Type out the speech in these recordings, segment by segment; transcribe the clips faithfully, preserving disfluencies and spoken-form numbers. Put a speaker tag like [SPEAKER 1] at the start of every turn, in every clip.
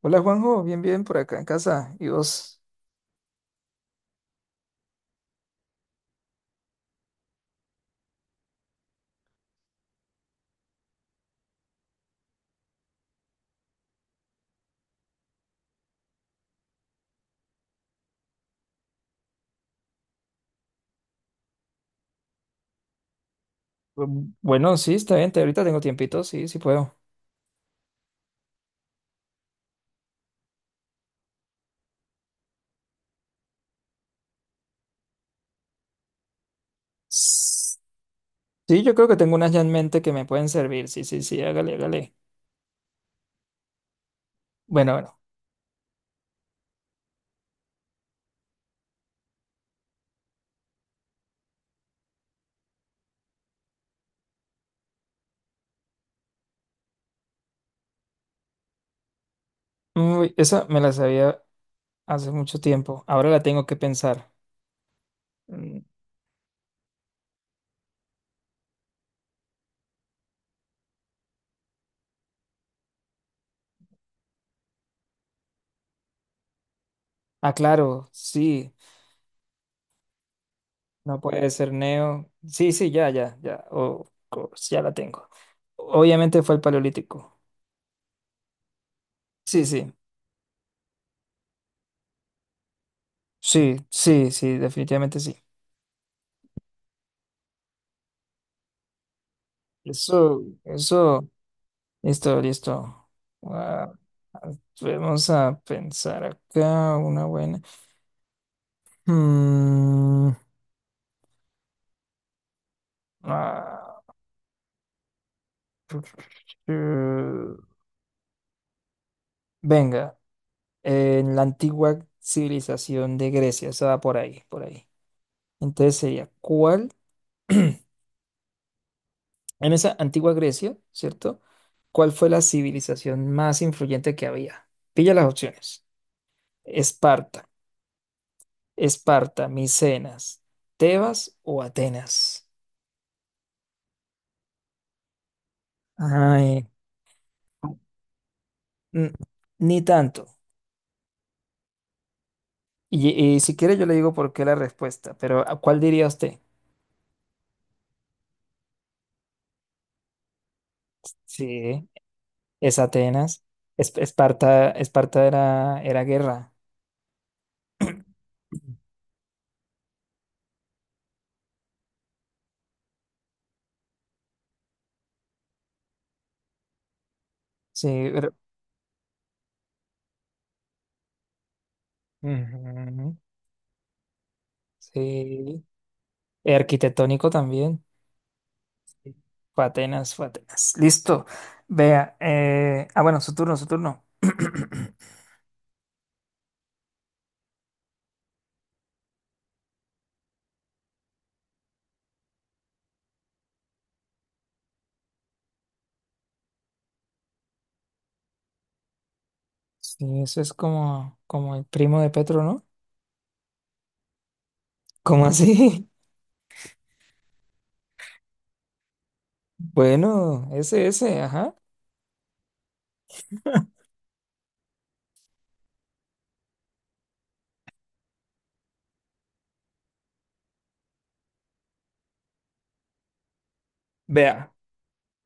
[SPEAKER 1] Hola Juanjo, bien, bien, por acá en casa. ¿Y vos? Mm, Bueno, sí, está bien, te- ahorita tengo tiempito, sí, sí puedo. S- Sí, yo creo que tengo unas ya en mente que me pueden servir, sí, sí, sí, hágale, hágale. Bueno, bueno. Uy, esa me la sabía hace mucho tiempo, ahora la tengo que pensar. Mm, Ah, claro, sí, no puede ser Neo. Sí, sí, ya, ya, ya, of course, ya la tengo. Obviamente fue el Paleolítico. Sí, sí, sí, sí, sí, definitivamente sí. Eso, eso. Listo, listo. Ah, vamos a pensar acá una buena. Mm, ah, eh, venga, en la antigua civilización de Grecia, estaba por ahí, por ahí. Entonces sería, ¿cuál? En esa antigua Grecia, ¿cierto? ¿Cuál fue la civilización más influyente que había? Pilla las opciones. Esparta, Esparta, Micenas, Tebas o Atenas. Ay. Mm, Ni tanto. Y, y si quiere yo le digo por qué la respuesta, pero ¿a ¿cuál diría usted? Sí, es Atenas. Es- Esparta, Esparta era, era guerra. Sí, pero- ujú, sí. Eh, Arquitectónico también. Sí. Fue Atenas, fue Atenas. Listo. Vea. eh, Ah, bueno, su turno, su turno. Sí, eso es como, como el primo de Petro, ¿no? ¿Cómo así? Bueno, ese, ese, ajá. Vea.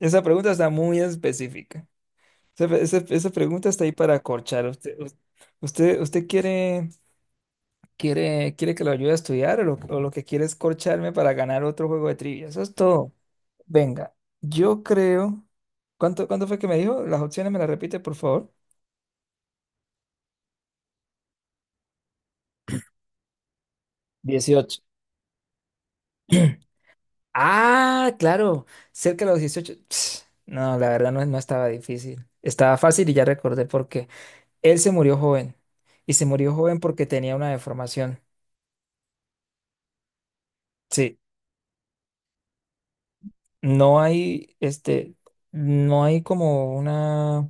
[SPEAKER 1] Esa pregunta está muy específica. Esa, esa- esa pregunta está ahí para acorchar. ¿Usted, usted, usted quiere, quiere, quiere que lo ayude a estudiar o lo, o lo que quiere es corcharme para ganar otro juego de trivia? Eso es todo. Venga, yo creo. ¿Cuánto, cuánto fue que me dijo? Las opciones me las repite, por favor. Dieciocho. Ah, claro, cerca de los dieciocho Ps. No, la verdad no, no estaba difícil. Estaba fácil y ya recordé por qué. Él se murió joven y se murió joven porque tenía una deformación. Sí, no hay, este, no hay como una,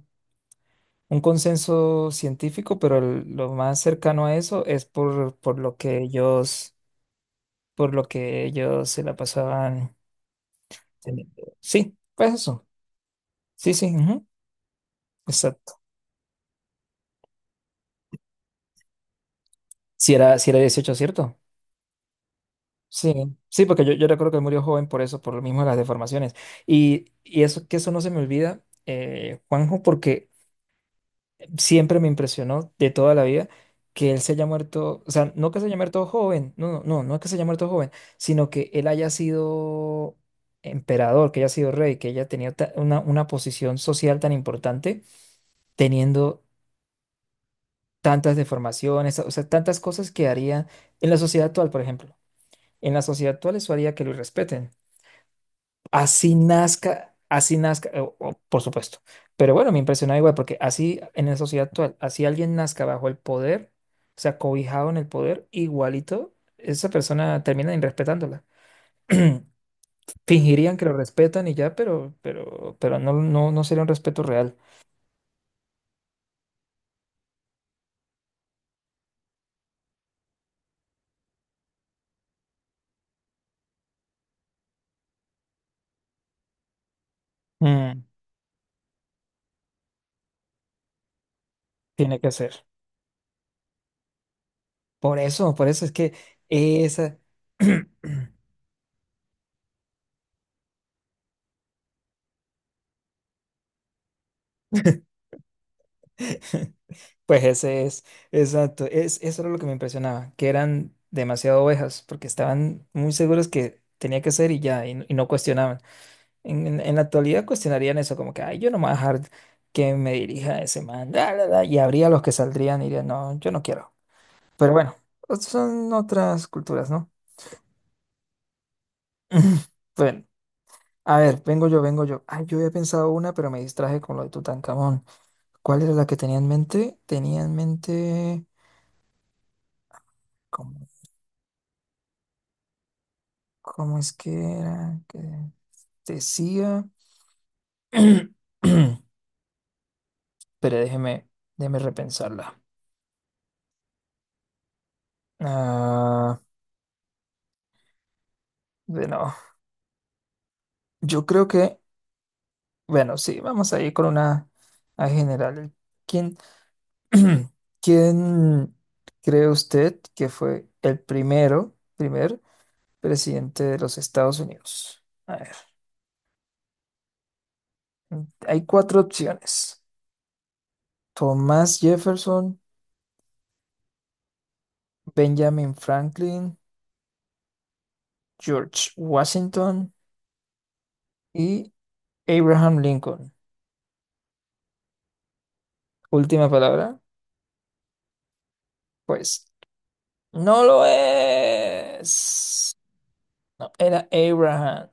[SPEAKER 1] un consenso científico, pero el- lo más cercano a eso es por, por lo que ellos, por lo que ellos se la pasaban teniendo. Sí, pues eso. Sí, sí, ujú, exacto. Si era, si era dieciocho, ¿cierto? Sí, sí, porque yo, yo recuerdo que murió joven por eso, por lo mismo de las deformaciones. Y, y eso, que eso no se me olvida, eh, Juanjo, porque siempre me impresionó de toda la vida que él se haya muerto, o sea, no que se haya muerto joven, no, no, no, no es que se haya muerto joven, sino que él haya sido emperador, que haya sido rey, que haya tenido ta- una, una posición social tan importante, teniendo tantas deformaciones, o sea, tantas cosas que haría en la sociedad actual, por ejemplo. En la sociedad actual eso haría que lo respeten. Así nazca, así nazca, o- o, por supuesto. Pero bueno, me impresionaba igual, porque así en la sociedad actual, así alguien nazca bajo el poder, o sea, cobijado en el poder, igualito, esa persona termina irrespetándola. Fingirían que lo respetan y ya, pero, pero, pero no, no, no sería un respeto real. Mm, tiene que ser. Por eso, por eso es que esa. Pues ese es, exacto, es, eso era lo que me impresionaba, que eran demasiado ovejas, porque estaban muy seguros que tenía que ser y ya, y, no y no cuestionaban. En, en- en la actualidad cuestionarían eso, como que, ay, yo no me voy a dejar que me dirija ese man, la, la, la", y habría los que saldrían y dirían, no, yo no quiero. Pero bueno, ot- son otras culturas, ¿no? Bueno, a ver, vengo yo, vengo yo. Ay, yo había pensado una, pero me distraje con lo de Tutankamón. ¿Cuál era la que tenía en mente? Tenía en mente... ¿Cómo es que era? Que decía. Pero déjeme, déjeme repensarla. Ah, bueno, yo creo que, bueno, sí, vamos a ir con una a general. ¿Quién, quién cree usted que fue el primero, primer presidente de los Estados Unidos? A ver, mm, hay cuatro opciones. Thomas Jefferson, Benjamin Franklin, George Washington y Abraham Lincoln. Última palabra. Pues no lo es. No, era Abraham.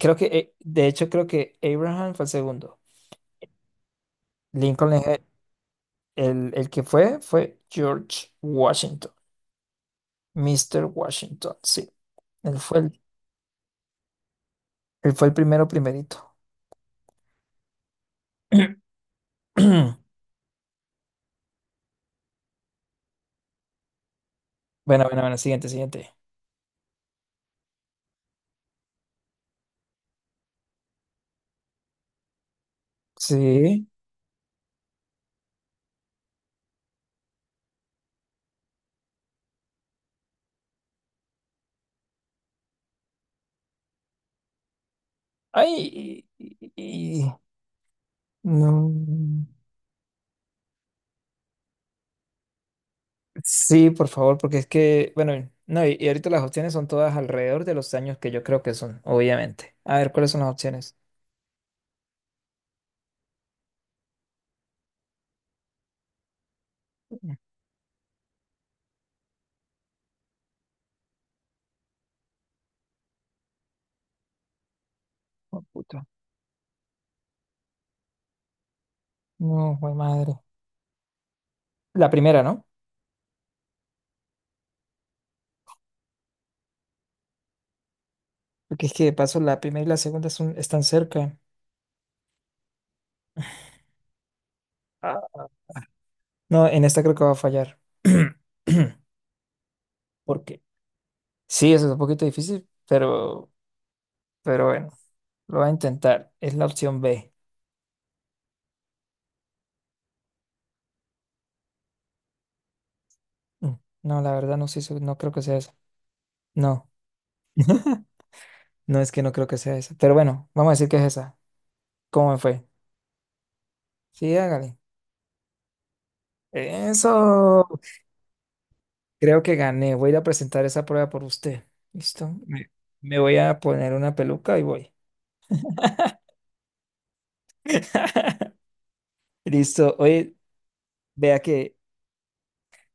[SPEAKER 1] Creo que, eh, de hecho, creo que Abraham fue el segundo. Lincoln es el, el- el que fue, fue George Washington. Mister Washington, sí. Él fue el, él fue el primero, primerito. Bueno, bueno, bueno, siguiente, siguiente. Sí. Ay, y- y- y- no. Sí, por favor, porque es que, bueno, no, y, y ahorita las opciones son todas alrededor de los años que yo creo que son, obviamente. A ver, ¿cuáles son las opciones? Oh, puta. No, jue madre. La primera, ¿no? Porque es que de paso la primera y la segunda son, están cerca. Ah. No, en esta creo que va a fallar. Porque sí, eso es un poquito difícil, pero, pero bueno, lo voy a intentar. Es la opción B. Mm, no, la verdad no sé, si- no creo que sea esa. No, no es que no creo que sea esa. Pero bueno, vamos a decir que es esa. ¿Cómo me fue? Sí, hágale. Eso, creo que gané. Voy a ir a presentar esa prueba por usted. ¿Listo? Me, me voy a poner una peluca y voy. Listo. Oye, vea que...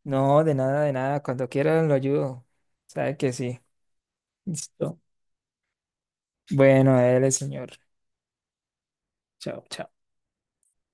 [SPEAKER 1] No, de nada, de nada. Cuando quiera lo ayudo. Sabe que sí. Listo. Bueno, él, señor. Chao, chao.